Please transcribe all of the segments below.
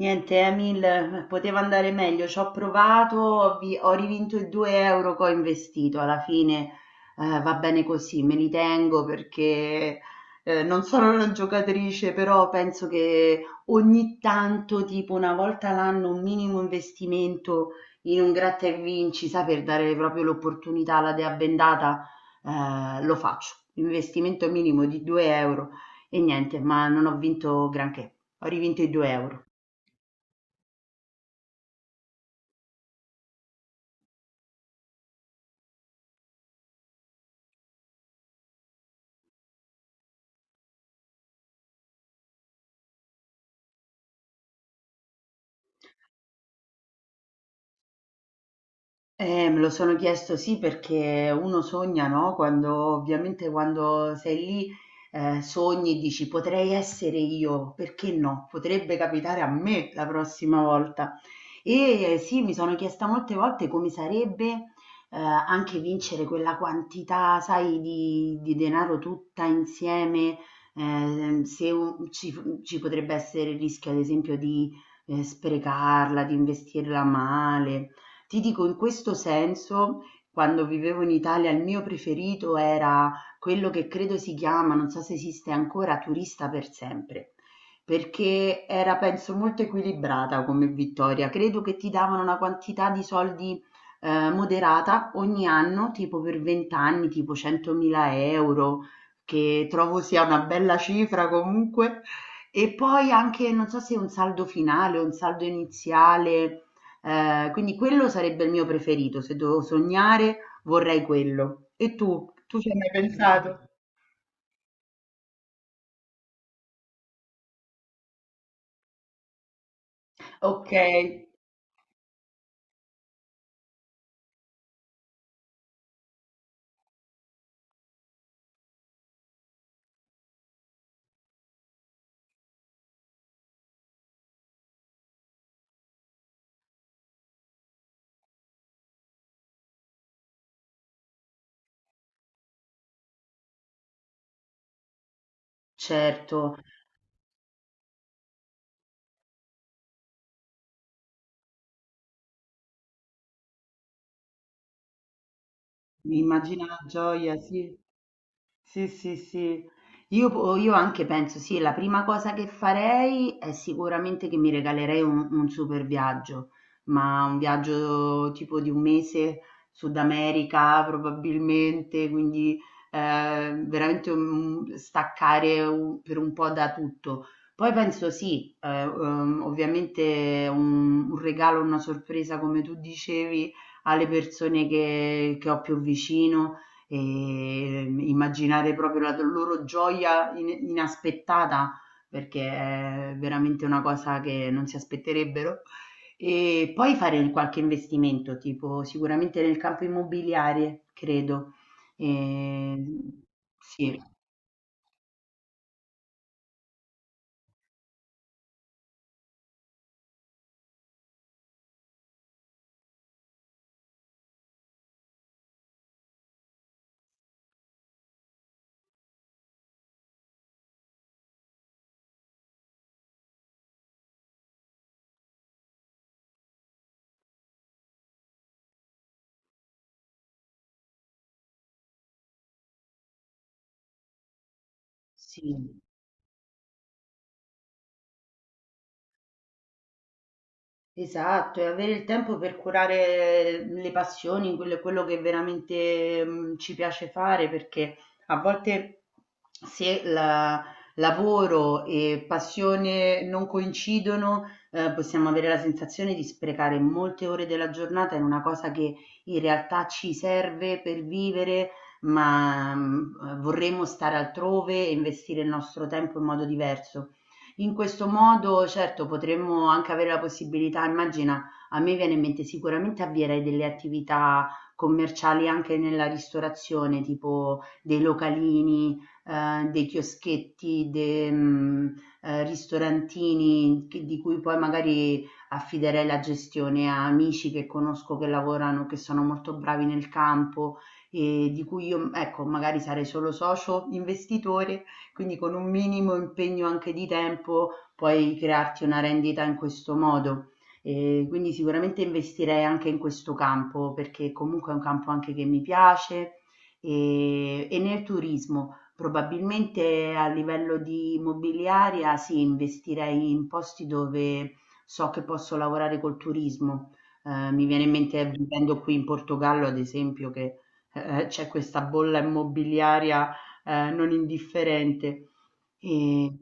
Niente, Emil, poteva andare meglio, ci ho provato, ho rivinto i 2 euro che ho investito, alla fine. Va bene così, me li tengo perché non sono una giocatrice, però penso che ogni tanto, tipo una volta l'anno, un minimo investimento in un gratta e vinci, sa, per dare proprio l'opportunità alla dea bendata, lo faccio, investimento minimo di 2 euro. E niente, ma non ho vinto granché, ho rivinto i 2 euro. Me lo sono chiesto, sì, perché uno sogna, no? Quando sei lì sogni e dici potrei essere io, perché no? Potrebbe capitare a me la prossima volta. Sì, mi sono chiesta molte volte come sarebbe anche vincere quella quantità, sai, di denaro tutta insieme. Se un- ci, Ci potrebbe essere il rischio, ad esempio, di sprecarla, di investirla male. Ti dico in questo senso, quando vivevo in Italia il mio preferito era quello che credo si chiama, non so se esiste ancora, Turista per sempre, perché era, penso, molto equilibrata come vittoria. Credo che ti davano una quantità di soldi moderata ogni anno, tipo per 20 anni, tipo 100.000 euro, che trovo sia una bella cifra comunque. E poi anche, non so se un saldo finale o un saldo iniziale. Quindi quello sarebbe il mio preferito, se devo sognare vorrei quello. E tu? Tu ci hai mai pensato? Ok, certo, mi immagino la gioia, sì. Sì, sì, sì. Io anche penso, sì, la prima cosa che farei è sicuramente che mi regalerei un super viaggio, ma un viaggio tipo di un mese, Sud America probabilmente, quindi veramente staccare per un po' da tutto. Poi penso, sì, ovviamente un regalo, una sorpresa, come tu dicevi, alle persone che ho più vicino. Immaginare proprio la loro gioia in inaspettata, perché è veramente una cosa che non si aspetterebbero. E poi fare qualche investimento, tipo sicuramente nel campo immobiliare, credo. Ehm, sì, sì. Esatto, e avere il tempo per curare le passioni, quello che veramente, ci piace fare, perché a volte se la lavoro e passione non coincidono, possiamo avere la sensazione di sprecare molte ore della giornata in una cosa che in realtà ci serve per vivere, ma, vorremmo stare altrove e investire il nostro tempo in modo diverso. In questo modo, certo, potremmo anche avere la possibilità, immagina, a me viene in mente sicuramente avvierei delle attività commerciali anche nella ristorazione, tipo dei localini, dei chioschetti, ristorantini di cui poi magari affiderei la gestione a amici che conosco che lavorano, che sono molto bravi nel campo e di cui io, ecco, magari sarei solo socio investitore, quindi con un minimo impegno anche di tempo puoi crearti una rendita in questo modo. E quindi sicuramente investirei anche in questo campo perché comunque è un campo anche che mi piace e nel turismo. Probabilmente a livello di immobiliaria, sì, investirei in posti dove so che posso lavorare col turismo. Mi viene in mente vivendo qui in Portogallo, ad esempio, che c'è questa bolla immobiliaria non indifferente. E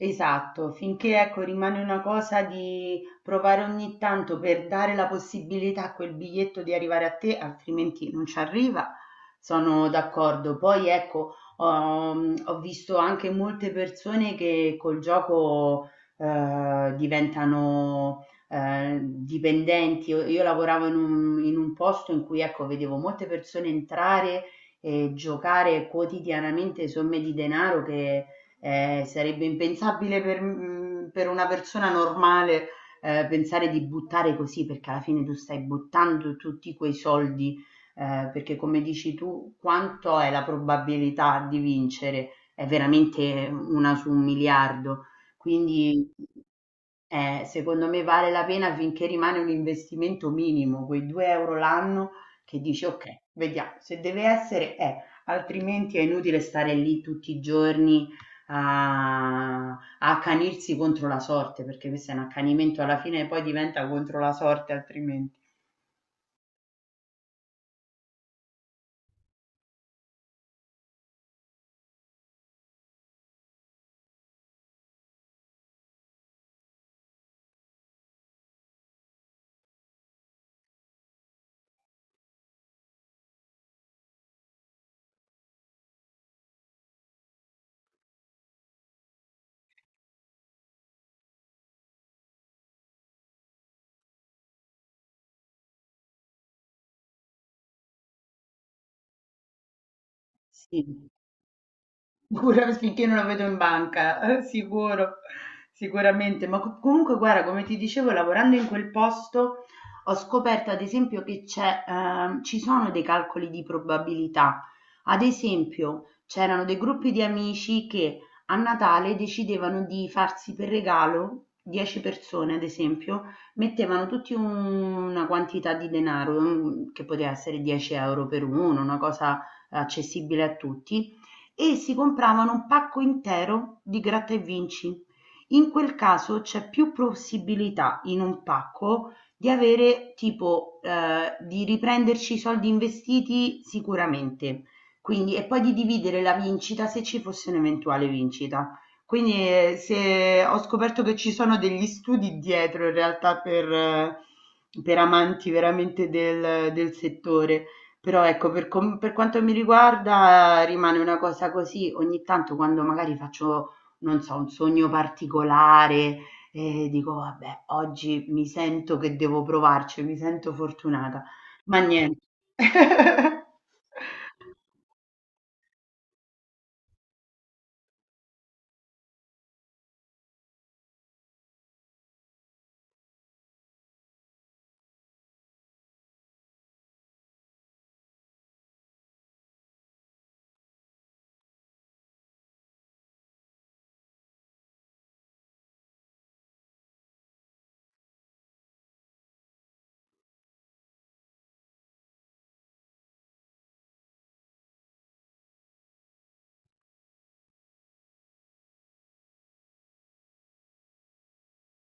esatto, finché ecco rimane una cosa di provare ogni tanto per dare la possibilità a quel biglietto di arrivare a te, altrimenti non ci arriva, sono d'accordo. Poi ecco, ho visto anche molte persone che col gioco diventano dipendenti. Io lavoravo in in un posto in cui, ecco, vedevo molte persone entrare e giocare quotidianamente somme di denaro che sarebbe impensabile per per una persona normale, pensare di buttare così, perché alla fine tu stai buttando tutti quei soldi, perché come dici tu, quanto è la probabilità di vincere? È veramente 1 su 1 miliardo. Quindi secondo me vale la pena finché rimane un investimento minimo, quei 2 euro l'anno, che dici ok, vediamo, se deve essere è, altrimenti è inutile stare lì tutti i giorni a, a accanirsi contro la sorte, perché questo è un accanimento alla fine e poi diventa contro la sorte altrimenti. Sì. Pure finché non lo vedo in banca, sicuro, sicuramente. Ma comunque, guarda, come ti dicevo, lavorando in quel posto ho scoperto, ad esempio, che c'è, ci sono dei calcoli di probabilità. Ad esempio, c'erano dei gruppi di amici che a Natale decidevano di farsi per regalo 10 persone, ad esempio, mettevano tutti una quantità di denaro, che poteva essere 10 euro per uno, una cosa accessibile a tutti, e si compravano un pacco intero di gratta e vinci. In quel caso c'è più possibilità in un pacco di avere, tipo, di riprenderci i soldi investiti sicuramente. Quindi, e poi di dividere la vincita se ci fosse un'eventuale vincita. Quindi se ho scoperto che ci sono degli studi dietro in realtà per amanti veramente del settore, però ecco, per, per quanto mi riguarda rimane una cosa così, ogni tanto quando magari faccio, non so, un sogno particolare e dico, vabbè, oggi mi sento che devo provarci, mi sento fortunata, ma niente.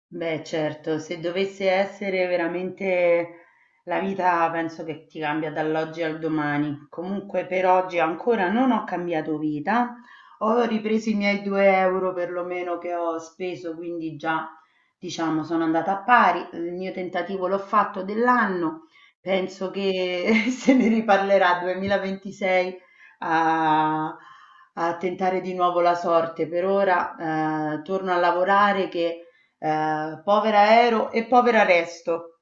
Beh, certo, se dovesse essere veramente la vita, penso che ti cambia dall'oggi al domani. Comunque, per oggi ancora non ho cambiato vita, ho ripreso i miei 2 euro perlomeno che ho speso, quindi già, diciamo, sono andata a pari. Il mio tentativo l'ho fatto dell'anno, penso che se ne riparlerà 2026 a, a tentare di nuovo la sorte. Per ora, torno a lavorare che Povera Ero e povera Resto